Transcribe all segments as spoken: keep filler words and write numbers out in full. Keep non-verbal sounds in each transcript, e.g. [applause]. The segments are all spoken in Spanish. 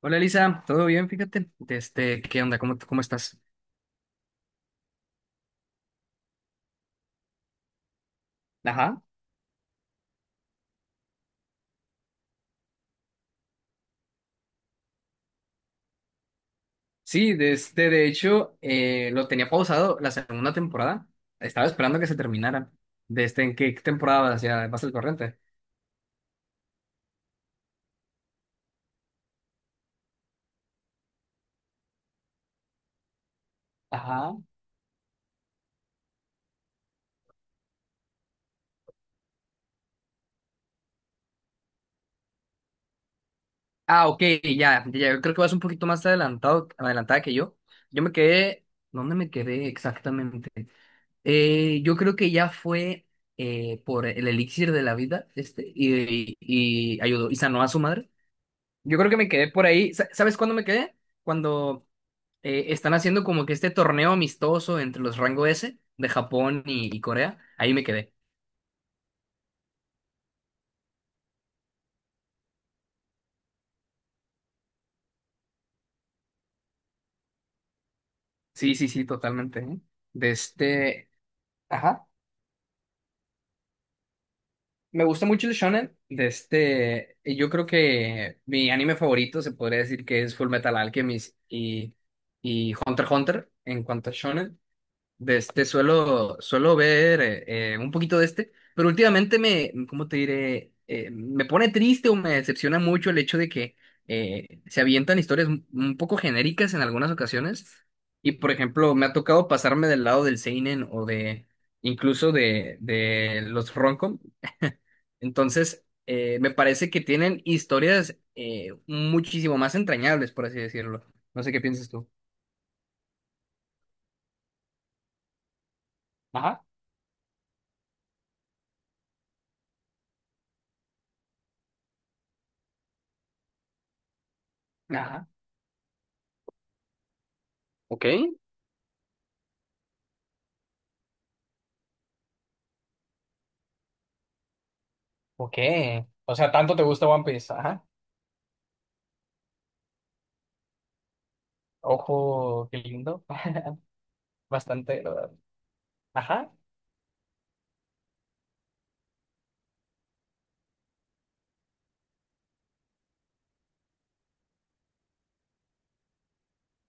Hola Lisa, ¿todo bien? Fíjate, desde, ¿qué onda? ¿Cómo, cómo estás? Ajá. Sí, desde, de hecho, eh, lo tenía pausado la segunda temporada. Estaba esperando que se terminara. ¿Desde en qué temporada vas ya vas al corriente? Ajá. Ah, ok, ya, ya, yo creo que vas un poquito más adelantado, adelantada que yo. Yo me quedé, ¿dónde me quedé exactamente? Eh, yo creo que ya fue eh, por el elixir de la vida, este, y, y, y ayudó y sanó a su madre. Yo creo que me quedé por ahí. Sa- ¿Sabes cuándo me quedé? Cuando eh, están haciendo como que este torneo amistoso entre los rango S de Japón y, y Corea. Ahí me quedé. Sí, sí, sí, totalmente, ¿eh? De este. Ajá. Me gusta mucho el shonen. De este. y Yo creo que mi anime favorito se podría decir que es Full Metal Alchemist y, y Hunter x Hunter en cuanto a shonen. De este suelo, suelo ver eh, eh, un poquito de este, pero últimamente me, ¿cómo te diré? Eh, me pone triste o me decepciona mucho el hecho de que eh, se avientan historias un un poco genéricas en algunas ocasiones. Y por ejemplo, me ha tocado pasarme del lado del seinen o de incluso de, de los roncom. [laughs] Entonces, eh, me parece que tienen historias eh, muchísimo más entrañables, por así decirlo. No sé qué piensas tú. Ajá, ajá. Ok. Ok. O sea, tanto te gusta One Piece. Ajá. Ojo, qué lindo. [laughs] Bastante, la verdad. Ajá.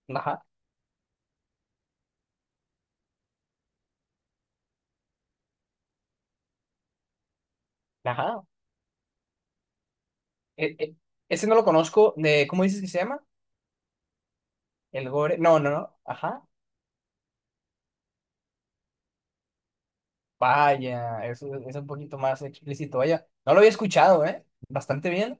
Ajá. Ajá. E- e- ese no lo conozco. De, ¿cómo dices que se llama? El Gore. No, no, no. Ajá. Vaya, eso es un poquito más explícito. Vaya, no lo había escuchado, ¿eh? Bastante bien.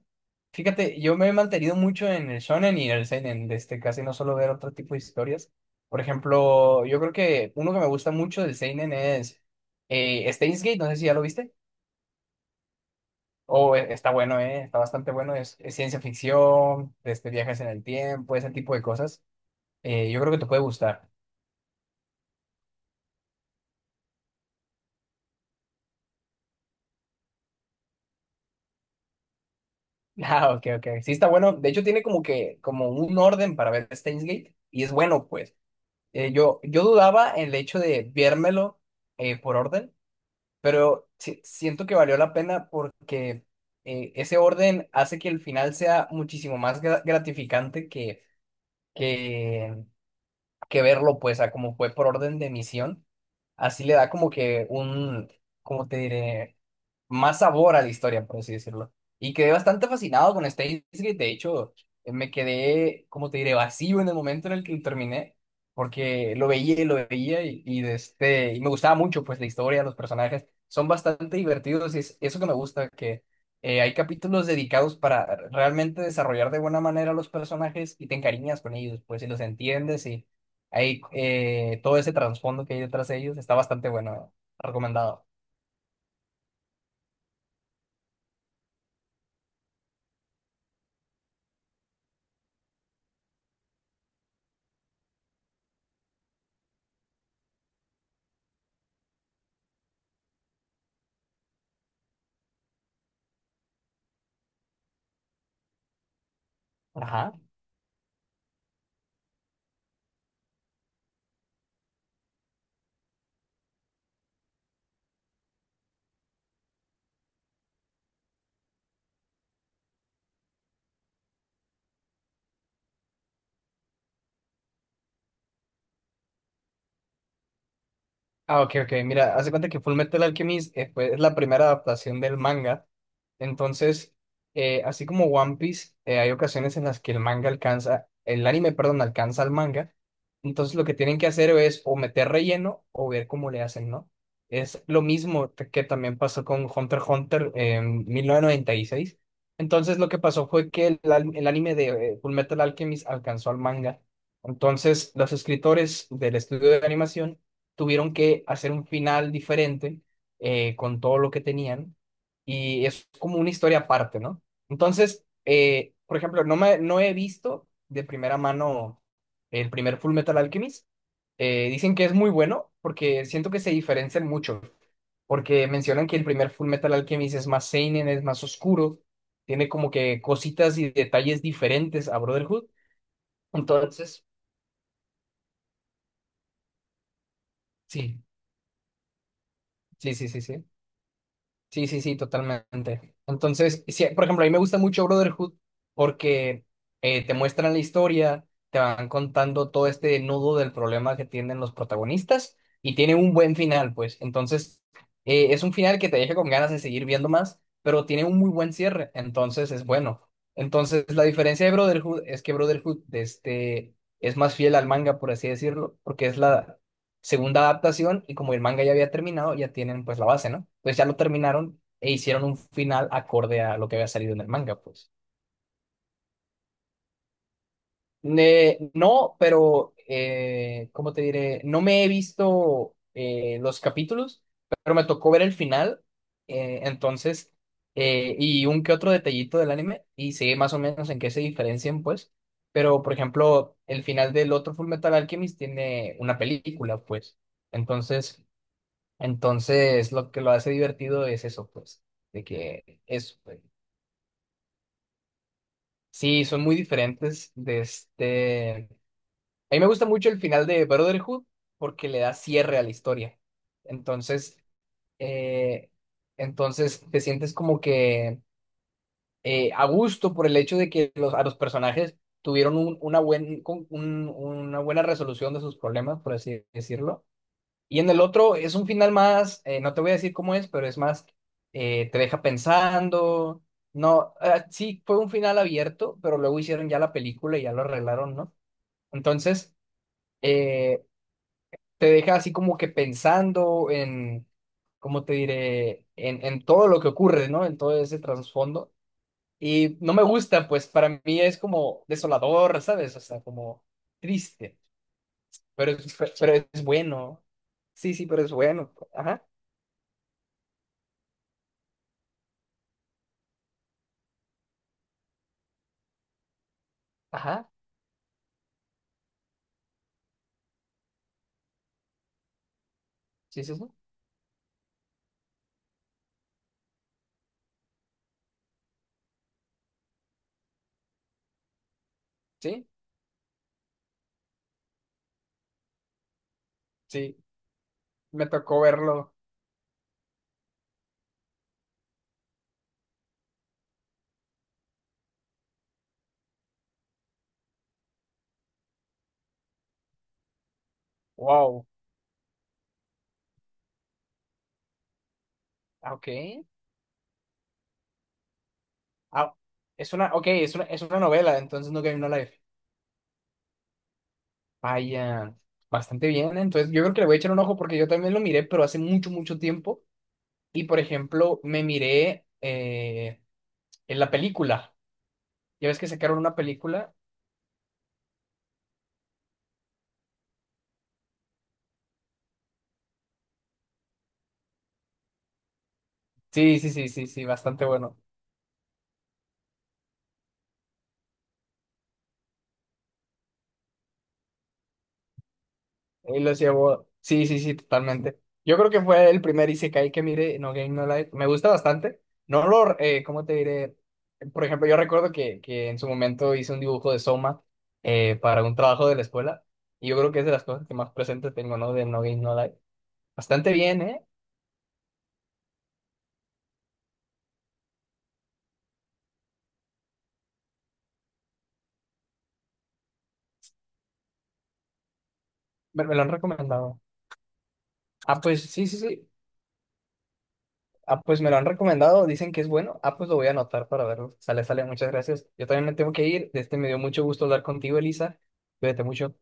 Fíjate, yo me he mantenido mucho en el shonen y el seinen, de este, casi no suelo ver otro tipo de historias. Por ejemplo, yo creo que uno que me gusta mucho del seinen es eh, Steins Gate, no sé si ya lo viste. Oh, eh, está bueno, eh, está bastante bueno. Es, es ciencia ficción, este, viajes en el tiempo, ese tipo de cosas. Eh, yo creo que te puede gustar. [laughs] Ah, ok, ok. Sí, está bueno. De hecho, tiene como que, como un orden para ver Steins Gate. Y es bueno, pues. Eh, yo, yo dudaba en el hecho de viérmelo eh, por orden, pero sí- siento que valió la pena porque eh, ese orden hace que el final sea muchísimo más gra- gratificante que, que que verlo, pues, a como fue por orden de emisión, así le da como que un, ¿cómo te diré? Más sabor a la historia, por así decirlo. Y quedé bastante fascinado con Steins Gate, de hecho, eh, me quedé, ¿cómo te diré? Vacío en el momento en el que lo terminé, porque lo veía y lo veía y, y, de este, y me gustaba mucho, pues, la historia, los personajes, son bastante divertidos y es eso que me gusta, que... eh, hay capítulos dedicados para realmente desarrollar de buena manera los personajes y te encariñas con ellos, pues, y los entiendes. Ahí, eh, todo ese trasfondo que hay detrás de ellos está bastante bueno. Eh, recomendado. Ajá. Ah, ok, ok. Mira, hace cuenta que Full Metal Alchemist eh, fue- es la primera adaptación del manga. Entonces, eh, así como One Piece, eh, hay ocasiones en las que el manga alcanza, el anime, perdón, alcanza al manga. Entonces, lo que tienen que hacer es o meter relleno o ver cómo le hacen, ¿no? Es lo mismo t- que también pasó con Hunter x Hunter en mil novecientos noventa y seis. Entonces, lo que pasó fue que el, al- el anime de eh, Full Metal Alchemist alcanzó al manga. Entonces, los escritores del estudio de animación tuvieron que hacer un final diferente, eh, con todo lo que tenían, y es como una historia aparte, ¿no? Entonces, eh, por ejemplo, no me, no he visto de primera mano el primer Full Metal Alchemist. Eh, dicen que es muy bueno porque siento que se diferencian mucho, porque mencionan que el primer Full Metal Alchemist es más seinen, es más oscuro, tiene como que cositas y detalles diferentes a Brotherhood. Entonces, sí, sí, sí, sí, sí. Sí, sí, sí, totalmente. Entonces, sí, por ejemplo, a mí me gusta mucho Brotherhood porque eh, te muestran la historia, te van contando todo este nudo del problema que tienen los protagonistas y tiene un buen final, pues. Entonces, eh, es un final que te deja con ganas de seguir viendo más, pero tiene un muy buen cierre, entonces es bueno. Entonces, la diferencia de Brotherhood es que Brotherhood este, es más fiel al manga, por así decirlo, porque es la segunda adaptación y como el manga ya había terminado, ya tienen pues la base, ¿no? Pues ya lo terminaron e hicieron un final acorde a lo que había salido en el manga, pues. Ne- no, pero, eh, ¿cómo te diré? No me he visto eh, los capítulos, pero me tocó ver el final, eh, entonces, eh, y un que otro detallito del anime, y sé más o menos en qué se diferencian, pues. Pero, por ejemplo, el final del otro Full Metal Alchemist tiene una película, pues. Entonces... Entonces, lo que lo hace divertido es eso, pues, de que es, pues, sí, son muy diferentes de este... A mí me gusta mucho el final de Brotherhood porque le da cierre a la historia. Entonces, eh, entonces te sientes como que eh, a gusto por el hecho de que los, a los personajes tuvieron un- una, buen, con- un- una buena resolución de sus problemas, por así decirlo. Y en el otro es un final más, eh, no te voy a decir cómo es, pero es más, eh, te deja pensando. No, ah, sí, fue un final abierto, pero luego hicieron ya la película y ya lo arreglaron, ¿no? Entonces, eh, te deja así como que pensando en, ¿cómo te diré? En, en todo lo que ocurre, ¿no? En todo ese trasfondo. Y no me gusta, pues para mí es como desolador, ¿sabes? O sea, como triste, pero es, pero es bueno. Sí, sí, pero es bueno. Ajá, ajá. Sí, sí, sí. Sí, sí. Me tocó verlo. Wow. Ah, ok. Ah, es una, ok, es una, es una novela, entonces No Game No Life. Vaya, bastante bien, ¿eh? Entonces yo creo que le voy a echar un ojo porque yo también lo miré, pero hace mucho, mucho tiempo. Y por ejemplo, me miré eh, en la película. Ya ves que sacaron una película. Sí, sí, sí, sí, sí, bastante bueno. Y los llevó. Sí, sí, sí, totalmente. Yo creo que fue el primer Isekai que miré, No Game No Life. Me gusta bastante. No lo, eh, ¿cómo te diré? Por ejemplo, yo recuerdo que, que en su momento hice un dibujo de Soma eh, para un trabajo de la escuela. Y yo creo que es de las cosas que más presente tengo, ¿no? De No Game No Life. Bastante bien, ¿eh? Me, me lo han recomendado. Ah, pues sí, sí, sí. Ah, pues me lo han recomendado. Dicen que es bueno. Ah, pues lo voy a anotar para verlo. Sale, sale. Muchas gracias. Yo también me tengo que ir. Este me dio mucho gusto hablar contigo, Elisa. Cuídate mucho.